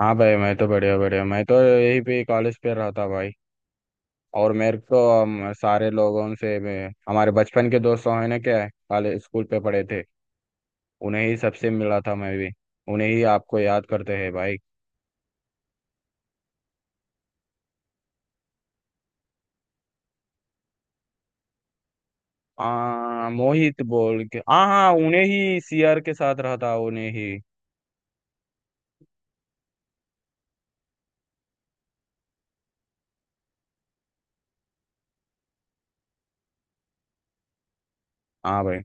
हाँ भाई, मैं तो बढ़िया बढ़िया। मैं तो यही पे कॉलेज पे रहा था भाई। और मेरे को हम सारे लोगों से मैं हमारे बचपन के दोस्तों हैं ना क्या, कॉलेज स्कूल पे पढ़े थे, उन्हें ही सबसे मिला था मैं भी। उन्हें ही आपको याद करते हैं भाई। मोहित बोल के, हाँ हाँ उन्हें ही सीआर के साथ रहा था उन्हें ही। हाँ भाई।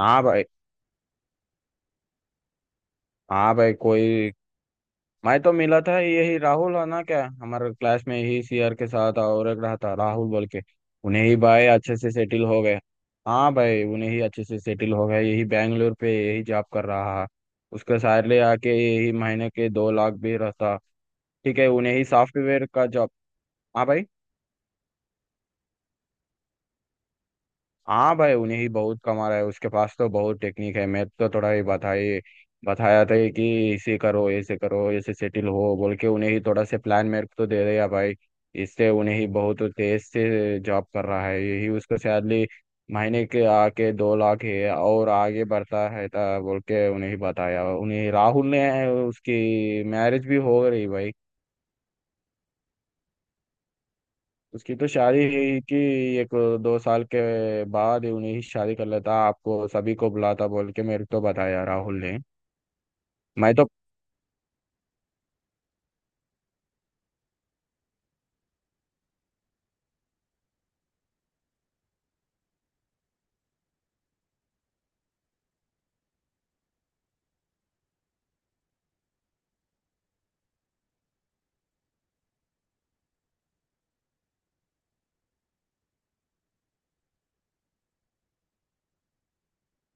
हाँ भाई। हाँ भाई कोई। मैं तो मिला था यही राहुल है ना क्या हमारे क्लास में, यही सीआर के साथ, और एक रहा था राहुल बोल के। उन्हें ही भाई अच्छे से सेटिल हो गए। हाँ भाई, उन्हें ही अच्छे से सेटिल हो गए, यही बैंगलोर पे यही जॉब कर रहा है। उसके सैलरी आके यही महीने के 2 लाख भी रहता। ठीक है, उन्हें ही सॉफ्टवेयर का जॉब। हाँ भाई। हाँ भाई, उन्हें ही बहुत कमा रहा है, उसके पास तो बहुत टेक्निक है। मैं तो थोड़ा ही बताई, बताया था कि इसे करो ऐसे सेटिल हो बोल के उन्हें ही थोड़ा से प्लान मेरे को तो दे दिया भाई। इससे उन्हें ही बहुत तेज से जॉब कर रहा है, यही उसको सैलरी महीने के आके 2 लाख है और आगे बढ़ता है ता बोल के उन्हें ही बताया उन्हें राहुल ने। उसकी मैरिज भी हो रही भाई। उसकी तो शादी हुई कि 1-2 साल के बाद ही उन्हें ही शादी कर लेता, आपको सभी को बुलाता बोल के मेरे को बताया राहुल ने। मैं तो।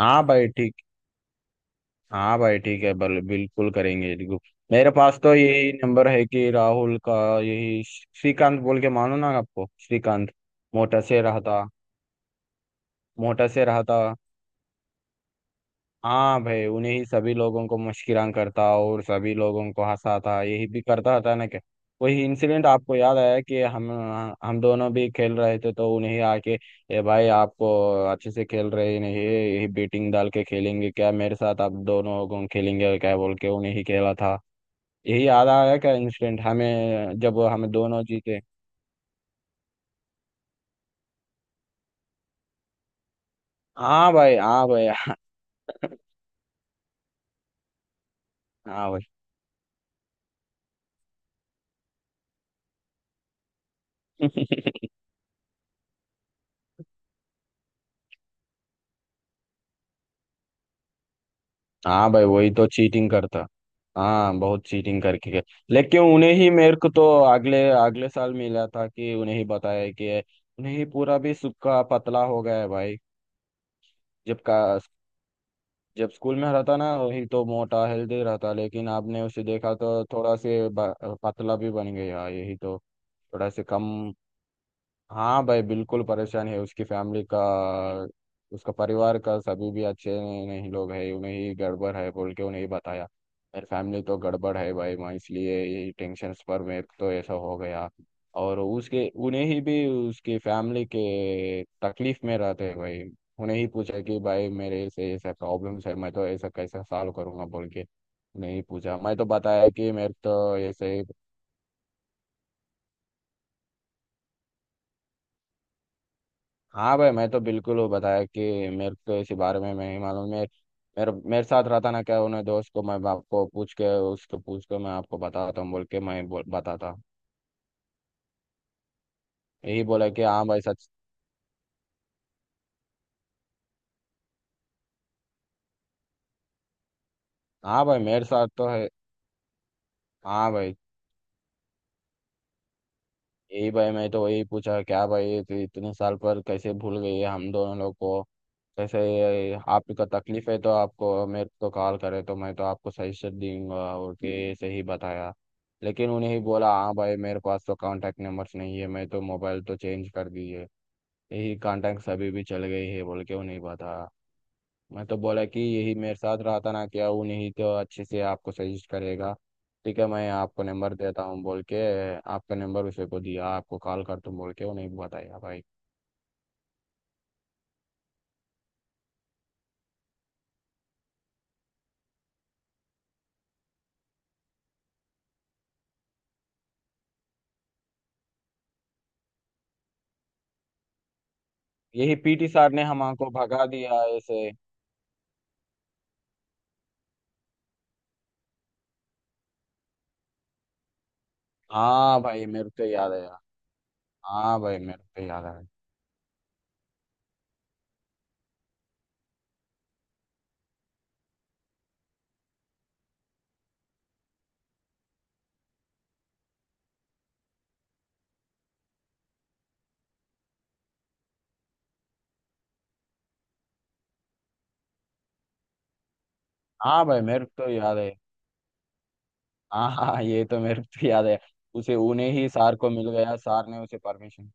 हाँ भाई ठीक। हाँ भाई ठीक है, बिल्कुल करेंगे देखो। मेरे पास तो यही नंबर है कि राहुल का, यही श्रीकांत बोल के, मानो ना आपको श्रीकांत, मोटा से रहा था। मोटा से रहा था। हाँ भाई, उन्हें ही सभी लोगों को मुस्कुरान करता और सभी लोगों को हंसाता, यही भी करता था ना क्या। वही इंसिडेंट आपको याद आया कि हम दोनों भी खेल रहे थे तो उन्हें आके, ए भाई आपको अच्छे से खेल रहे ही नहीं, यही बेटिंग डाल के खेलेंगे क्या मेरे साथ, आप दोनों लोगों खेलेंगे क्या बोल के उन्हें ही खेला था। यही याद आया क्या इंसिडेंट हमें जब हम दोनों जीते। हाँ भाई। हाँ भाई। हाँ भाई। हाँ भाई वही तो चीटिंग करता। हाँ, बहुत चीटिंग करके गए। लेकिन उन्हें ही मेरे को तो अगले अगले साल मिला था कि उन्हें ही बताया कि उन्हें ही पूरा भी सुक्का पतला हो गया है भाई। जब का, जब स्कूल में रहता ना, वही तो मोटा हेल्दी रहता, लेकिन आपने उसे देखा तो थोड़ा से पतला भी बन गया, यही तो। थोड़ा से कम। हाँ भाई, बिल्कुल परेशान है, उसकी फैमिली का, उसका परिवार का सभी भी अच्छे नहीं लोग है, उन्हें ही गड़बड़ है बोल के उन्हें ही बताया। मेरी फैमिली तो गड़बड़ है भाई, मैं इसलिए ये टेंशन पर मैं तो ऐसा हो गया। और उसके उन्हें ही भी उसकी फैमिली के तकलीफ में रहते हैं भाई। उन्हें ही पूछा कि भाई मेरे से ऐसा प्रॉब्लम्स है, मैं तो ऐसा कैसा सॉल्व करूंगा बोल के। नहीं पूछा, मैं तो बताया कि मेरे तो ऐसे। हाँ भाई, मैं तो बिल्कुल वो बताया कि मेरे को इसी बारे में मैं ही मालूम। मेरे मेरे मेरे साथ रहता ना क्या उन्हें दोस्त को, मैं आपको पूछ के उसको पूछ के मैं आपको बताता हूँ बोल के, मैं बताता। यही बोला कि हाँ भाई सच। हाँ भाई मेरे साथ तो है। हाँ भाई। यही भाई मैं तो वही पूछा क्या भाई तो इतने साल पर कैसे भूल गई है हम दोनों लोग को, कैसे आपको तकलीफ है तो आपको मेरे को कॉल करे तो मैं तो आपको सजेशन दूंगा और के सही बताया। लेकिन उन्हें ही बोला, हाँ भाई मेरे पास तो कांटेक्ट नंबर्स नहीं है, मैं तो मोबाइल तो चेंज कर दी है, यही कांटेक्ट सभी भी चल गई है बोल के उन्हें बताया। मैं तो बोला कि यही मेरे साथ रहा था ना क्या वो, नहीं तो अच्छे से आपको सजेस्ट करेगा। ठीक है मैं आपको नंबर देता हूँ बोल के आपका नंबर उसे को दिया, आपको कॉल कर तुम बोल के वो नहीं बताया भाई। यही पीटी सर ने हमको भगा दिया ऐसे। हाँ भाई मेरे को तो याद है। हाँ भाई मेरे को तो याद है। हाँ भाई मेरे को तो याद है। हाँ हाँ ये तो मेरे को तो याद है। उसे उन्हें ही सार को मिल गया, सार ने उसे परमिशन।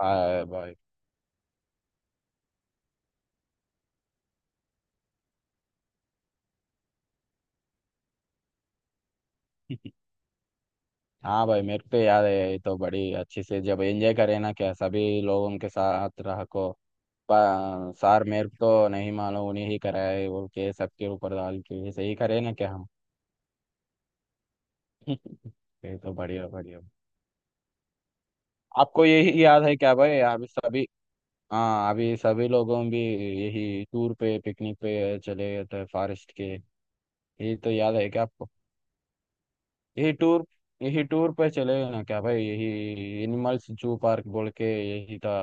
भाई भाई। हाँ भाई मेरे को तो याद है। ये तो बड़ी अच्छी से जब एंजॉय करे ना क्या सभी लोग उनके साथ रह को। पा- सार मेरे को तो नहीं मालूम, उन्हें ही कराए वो के सबके ऊपर डाल के ऐसे ही करे ना क्या हम। ये तो बढ़िया बढ़िया। आपको यही याद है क्या भाई अभी सभी। हाँ अभी सभी लोगों भी यही टूर पे पिकनिक पे चले गए थे फॉरेस्ट के। यही तो याद है क्या आपको। यही टूर यही टूर पे चले गए ना क्या भाई, यही एनिमल्स जू पार्क बोल के। यही था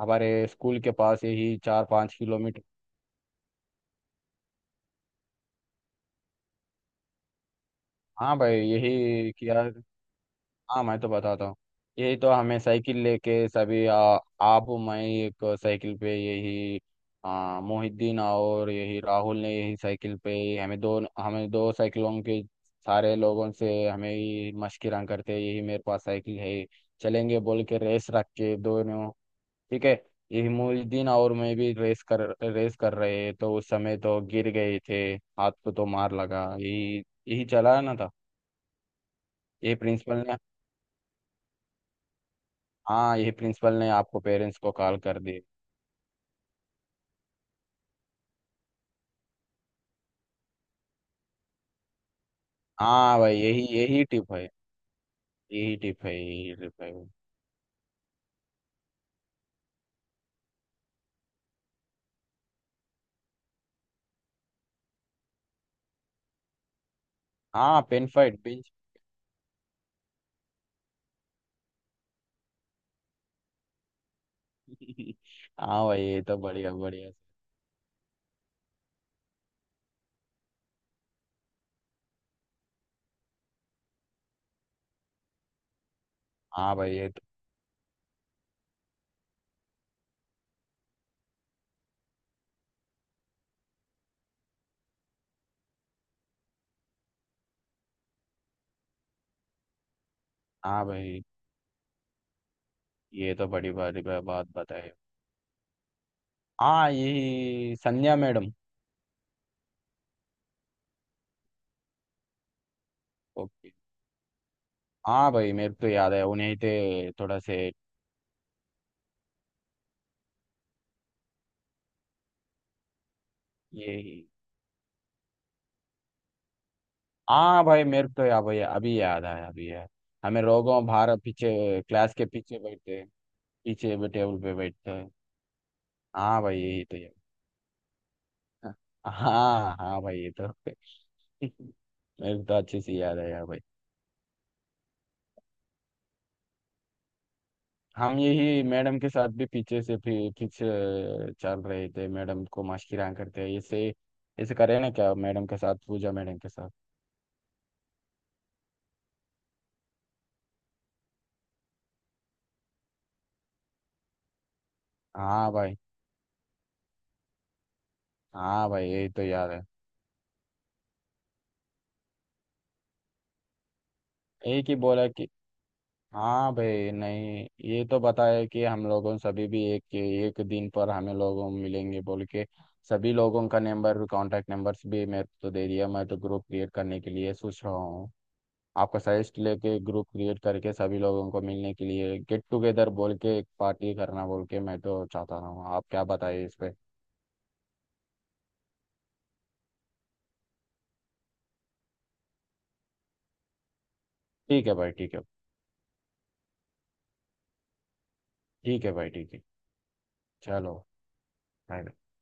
हमारे स्कूल के पास, यही 4-5 किलोमीटर। हाँ भाई यही किया। हाँ मैं तो बताता हूँ। यही तो हमें साइकिल लेके सभी आप मैं एक साइकिल पे यही मोहिद्दीन और यही राहुल ने यही साइकिल पे ही, हमें दो साइकिलों के सारे लोगों से हमें ही मशकिरा करते, यही मेरे पास साइकिल है, चलेंगे बोल के रेस रख के दोनों। ठीक है। ये मोहिउद्दीन और मैं भी रेस कर रहे तो उस समय तो गिर गए थे। हाथ को तो मार लगा यही। यही चला है ना था। ये प्रिंसिपल ने। हाँ यही प्रिंसिपल ने आपको पेरेंट्स को कॉल कर दिए। हाँ भाई यही यही टिप है। यही टिप है। यही टिप है। हाँ पेन फाइट बेंच। हाँ भाई ये तो बढ़िया बढ़िया। हाँ भाई ये तो। हाँ भाई ये तो बड़ी बड़ी बात बताई। हाँ यही संध्या मैडम। ओके। हाँ भाई मेरे को तो याद है उन्हें, थे थोड़ा से। यही। हाँ भाई मेरे को तो या भाई अभी याद आया अभी यार। हमें रोगों बाहर पीछे क्लास के पीछे बैठते, पीछे टेबल पे बैठते हैं। हाँ भाई यही तो यार। हाँ हाँ भाई ये तो। मेरे को तो अच्छे से याद आया भाई। हम यही मैडम के साथ भी पीछे से पीछे चल रहे थे, मैडम को मशकिरा करते हैं ऐसे, ऐसे करे ना क्या मैडम के साथ, पूजा मैडम के साथ। हाँ भाई। हाँ भाई यही तो याद है। एक ही बोला कि हाँ भाई नहीं, ये तो बताया कि हम लोगों सभी भी एक एक दिन पर हमें लोगों मिलेंगे बोल के सभी लोगों का नंबर कांटेक्ट नंबर्स भी मेरे को तो दे दिया। मैं तो ग्रुप क्रिएट करने के लिए सोच रहा हूँ, आपका सजेस्ट लेके ग्रुप क्रिएट करके सभी लोगों को मिलने के लिए गेट टुगेदर बोल के एक पार्टी करना बोल के मैं तो चाहता हूँ, आप क्या बताइए इस पे। ठीक है भाई ठीक है। ठीक है भाई ठीक है। चलो bye।